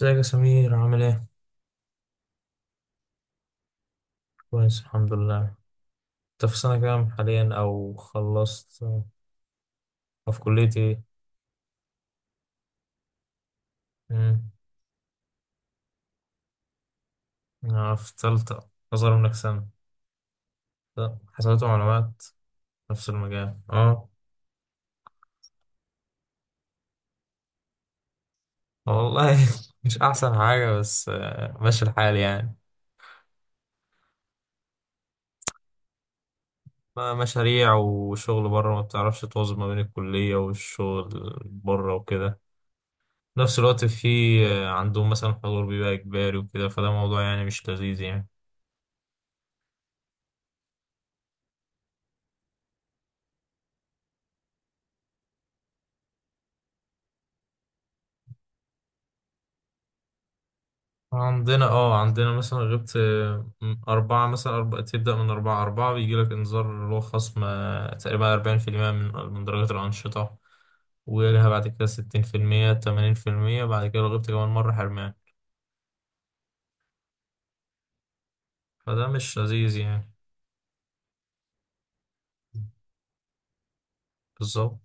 ازيك يا سمير؟ عامل ايه؟ كويس الحمد لله. انت في سنة كام حاليا او خلصت، او في كلية ايه؟ امم انا في تالتة، اصغر منك سنة. لا، حسابات ومعلومات، نفس المجال. اه. والله مش احسن حاجة، بس ماشي الحال يعني. مشاريع وشغل بره، ما بتعرفش توازن ما بين الكلية والشغل بره وكده في نفس الوقت. في آه، عندهم مثلا حضور بيبقى إجباري وكده، فده موضوع يعني مش لذيذ يعني. عندنا. اه، عندنا مثلا غبت أربعة، مثلا أربعة، تبدأ من أربعة. أربعة بيجي لك إنذار، اللي هو خصم تقريبا 40% من درجات الأنشطة، ويلها بعد كده 60%، 80%، بعد كده لو غبت كمان مرة حرمان. فده مش لذيذ يعني. بالظبط.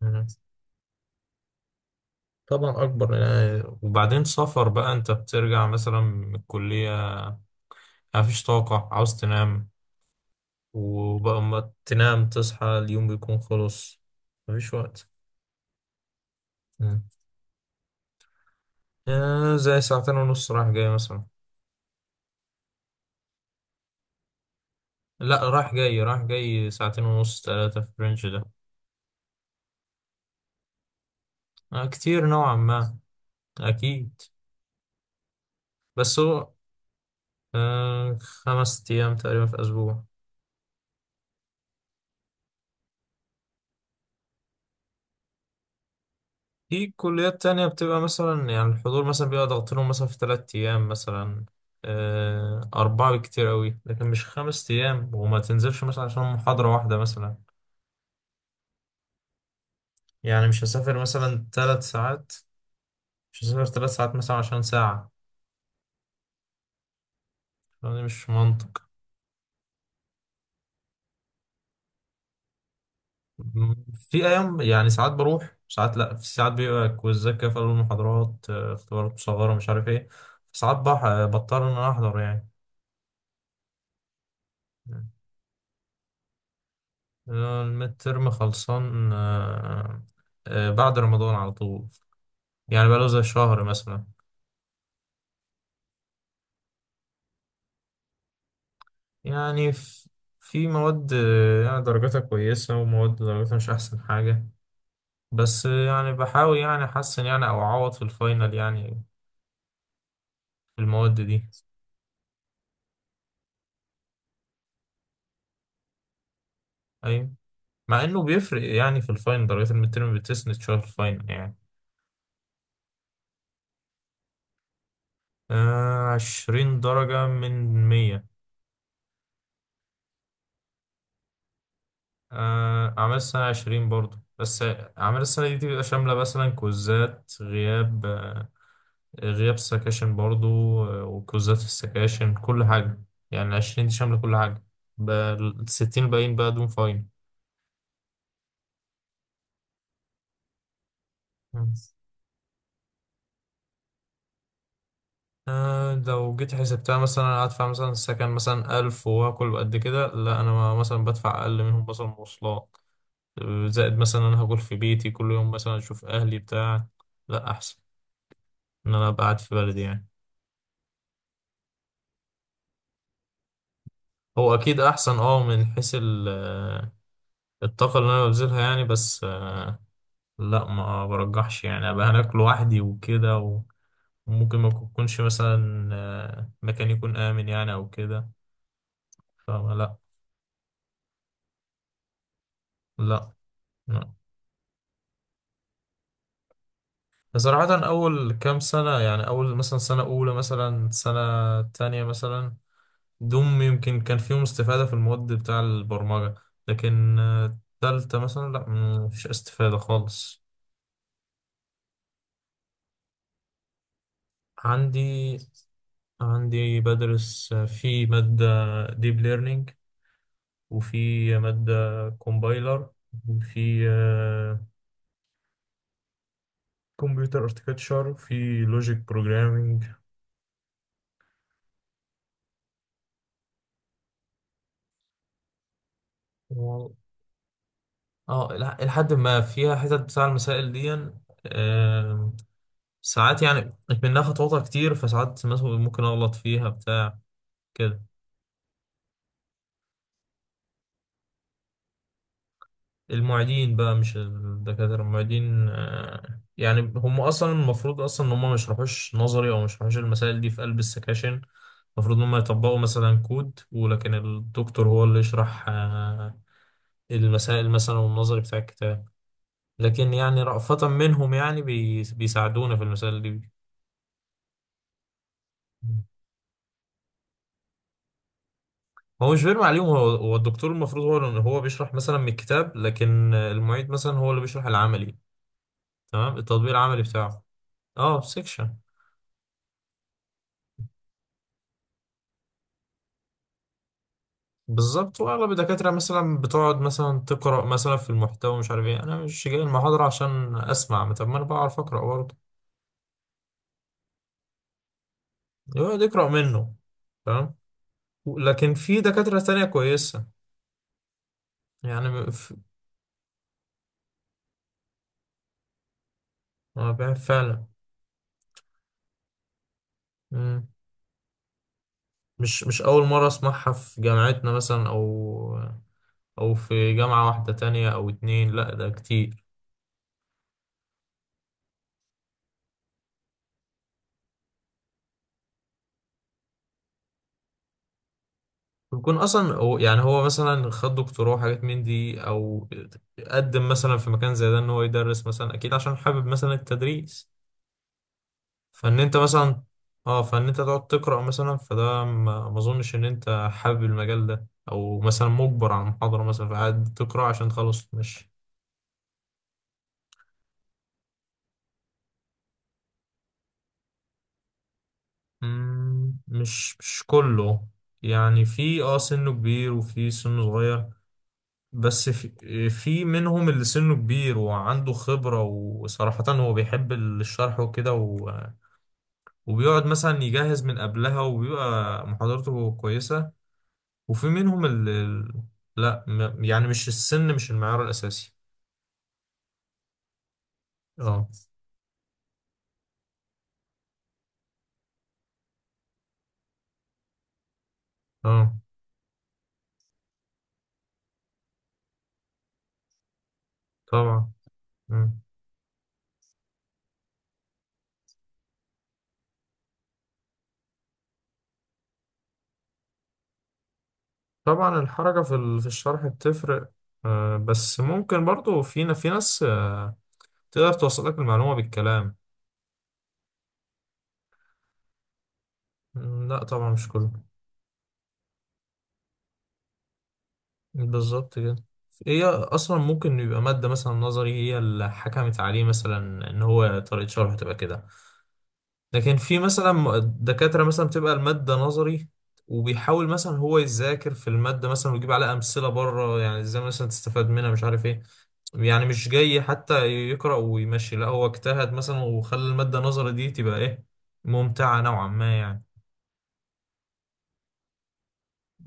مم. طبعا أكبر يعني. وبعدين سفر بقى، أنت بترجع مثلا من الكلية، مفيش طاقة، عاوز تنام، وبقى ما تنام تصحى اليوم بيكون خلص، مفيش وقت. زي 2:30 رايح جاي مثلا. لا، رايح جاي، رايح جاي 2:30، ثلاثة في الرينج ده. كتير نوعا ما. أكيد. بس هو 5 أيام تقريبا في أسبوع. في كليات تانية بتبقى مثلا، يعني الحضور مثلا بيبقى ضغط لهم مثلا في 3 أيام مثلا، أربعة، بكتير أوي. لكن مش 5 أيام، وما تنزلش مثلا عشان محاضرة واحدة مثلا. يعني مش هسافر مثلا 3 ساعات، مش هسافر 3 ساعات مثلا عشان ساعة. يعني مش منطق. في ايام يعني، ساعات بروح ساعات لا، في ساعات بيبقى كويزات كده في قلب المحاضرات، اختبارات مصغره مش عارف ايه، ساعات بضطر ان انا احضر يعني. الميد ترم خلصان. آه. بعد رمضان على طول. يعني بقاله زي شهر مثلا. يعني في مواد يعني درجاتها كويسة، ومواد درجاتها مش أحسن حاجة، بس يعني بحاول يعني أحسن يعني، أو أعوض في الفاينل يعني في المواد دي. أيوة. مع انه بيفرق يعني في الفاينل. درجات الميد تيرم بتسند شويه في الفاينل يعني. آه، 20 درجه من 100. آه، اعمال السنه 20 برضه بس. اعمال السنه دي بتبقى شامله مثلا كوزات، غياب، آه غياب سكاشن برضه، آه وكوزات في السكاشن، كل حاجه. يعني 20 دي شامله كل حاجه. الـ60 الباقيين بقى دون فاينل. مم. آه، لو جيت حسبتها مثلا، هدفع مثلا السكن مثلا 1000 وآكل قد كده. لا، أنا مثلا بدفع أقل منهم مثلا مواصلات، زائد مثلا انا هاكل في بيتي كل يوم، مثلا اشوف اهلي بتاع. لا، احسن ان انا ابقى قاعد في بلدي يعني. هو اكيد احسن اه، من حيث الطاقة اللي انا ببذلها يعني. بس لا، ما برجحش يعني ابقى هناك لوحدي وكده، وممكن ما يكونش مثلا مكان يكون امن يعني، او كده. فلا، لا. لا. لا. صراحة أول كام سنة، يعني أول مثلا سنة أولى، مثلا سنة تانية مثلا، دوم يمكن كان فيهم استفادة في المواد بتاع البرمجة. لكن تالتة مثلا لا، مفيش استفادة خالص. عندي. عندي بدرس في مادة ديب ليرنينج، وفي مادة كومبايلر، وفي كمبيوتر اركتشر، وفي لوجيك بروجرامينج. و... اه، لحد ما فيها حتت بتاع المسائل دي. آه، ساعات يعني، منها خطواتها كتير، فساعات مثلا ممكن اغلط فيها بتاع كده. المعيدين بقى، مش الدكاترة، المعيدين. يعني هم أصلا المفروض أصلا إن هم ما يشرحوش نظري، أو ما يشرحوش المسائل دي في قلب السكاشن. المفروض إن هم يطبقوا مثلا كود، ولكن الدكتور هو اللي يشرح المسائل مثلا والنظري بتاع الكتاب. لكن يعني رأفة منهم يعني بيساعدونا في المسائل دي. هو مش بيرمي عليهم. هو الدكتور المفروض هو بيشرح مثلا من الكتاب، لكن المعيد مثلا هو اللي بيشرح العملي. تمام، التطبيق العملي بتاعه. اه، سيكشن. بالظبط. واغلب الدكاتره مثلا بتقعد مثلا تقرا مثلا في المحتوى مش عارف ايه. انا مش جاي المحاضره عشان اسمع، ما طب ما انا بعرف اقرا برضه. يقعد يقرا منه. تمام. لكن في دكاتره تانية كويسه. يعني بقى فعلا. مم. مش اول مره اسمعها، في جامعتنا مثلا، او او في جامعه واحده تانية او اتنين، لا ده كتير. بيكون اصلا هو يعني، هو مثلا خد دكتوراه وحاجات من دي، او قدم مثلا في مكان زي ده، ان هو يدرس مثلا اكيد عشان حابب مثلا التدريس. فان انت مثلا، اه فان انت تقعد تقرا مثلا، فده ما اظنش ان انت حابب المجال ده، او مثلا مجبر على المحاضره مثلا فقاعد تقرا عشان تخلص مش. مم، مش كله. يعني في اه سنه كبير وفي سنه صغير. بس في منهم اللي سنه كبير وعنده خبرة، وصراحة هو بيحب الشرح وكده، وبيقعد مثلا يجهز من قبلها، وبيبقى محاضرته كويسة. وفي منهم اللي لا، يعني مش السن، مش المعيار الأساسي. اه. اه طبعا. مم. طبعا الحركة في الشرح بتفرق. بس ممكن برضو في ناس تقدر توصلك المعلومة بالكلام. مم، لا طبعا مش كله. بالظبط كده. هي اصلا ممكن يبقى ماده مثلا نظري، هي اللي حكمت عليه مثلا ان هو طريقه شرحه تبقى كده. لكن في مثلا دكاتره مثلا بتبقى الماده نظري، وبيحاول مثلا هو يذاكر في الماده مثلا، ويجيب عليها امثله بره، يعني ازاي مثلا تستفاد منها مش عارف ايه. يعني مش جاي حتى يقرا ويمشي، لا هو اجتهد مثلا، وخلى الماده النظري دي تبقى ايه، ممتعه نوعا ما يعني.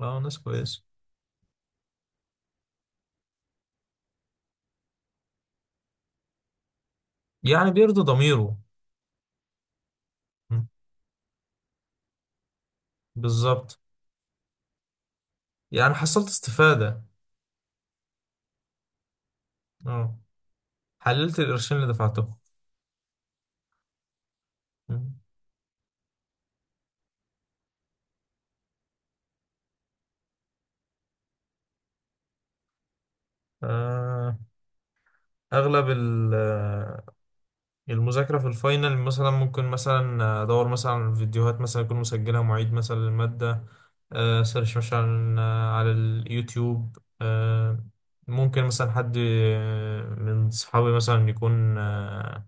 اه ناس كويسه. يعني بيرضي ضميره. م. بالظبط. يعني حصلت استفاده. اه، حللت القرشين اللي دفعتهم. مم. آه، أغلب المذاكرة في الفاينل مثلا، ممكن مثلا أدور مثلا على فيديوهات مثلا يكون مسجلها معيد مثلا للمادة. سيرش مثلا على اليوتيوب. ممكن مثلا حد من صحابي مثلا يكون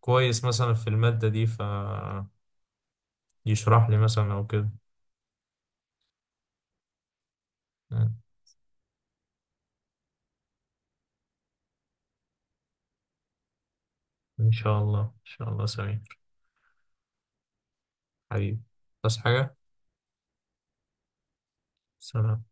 كويس مثلا في المادة دي، فيشرح لي مثلا أو كده. مم. إن شاء الله، إن شاء الله سمير. حبيبي. بس حاجة. سلام.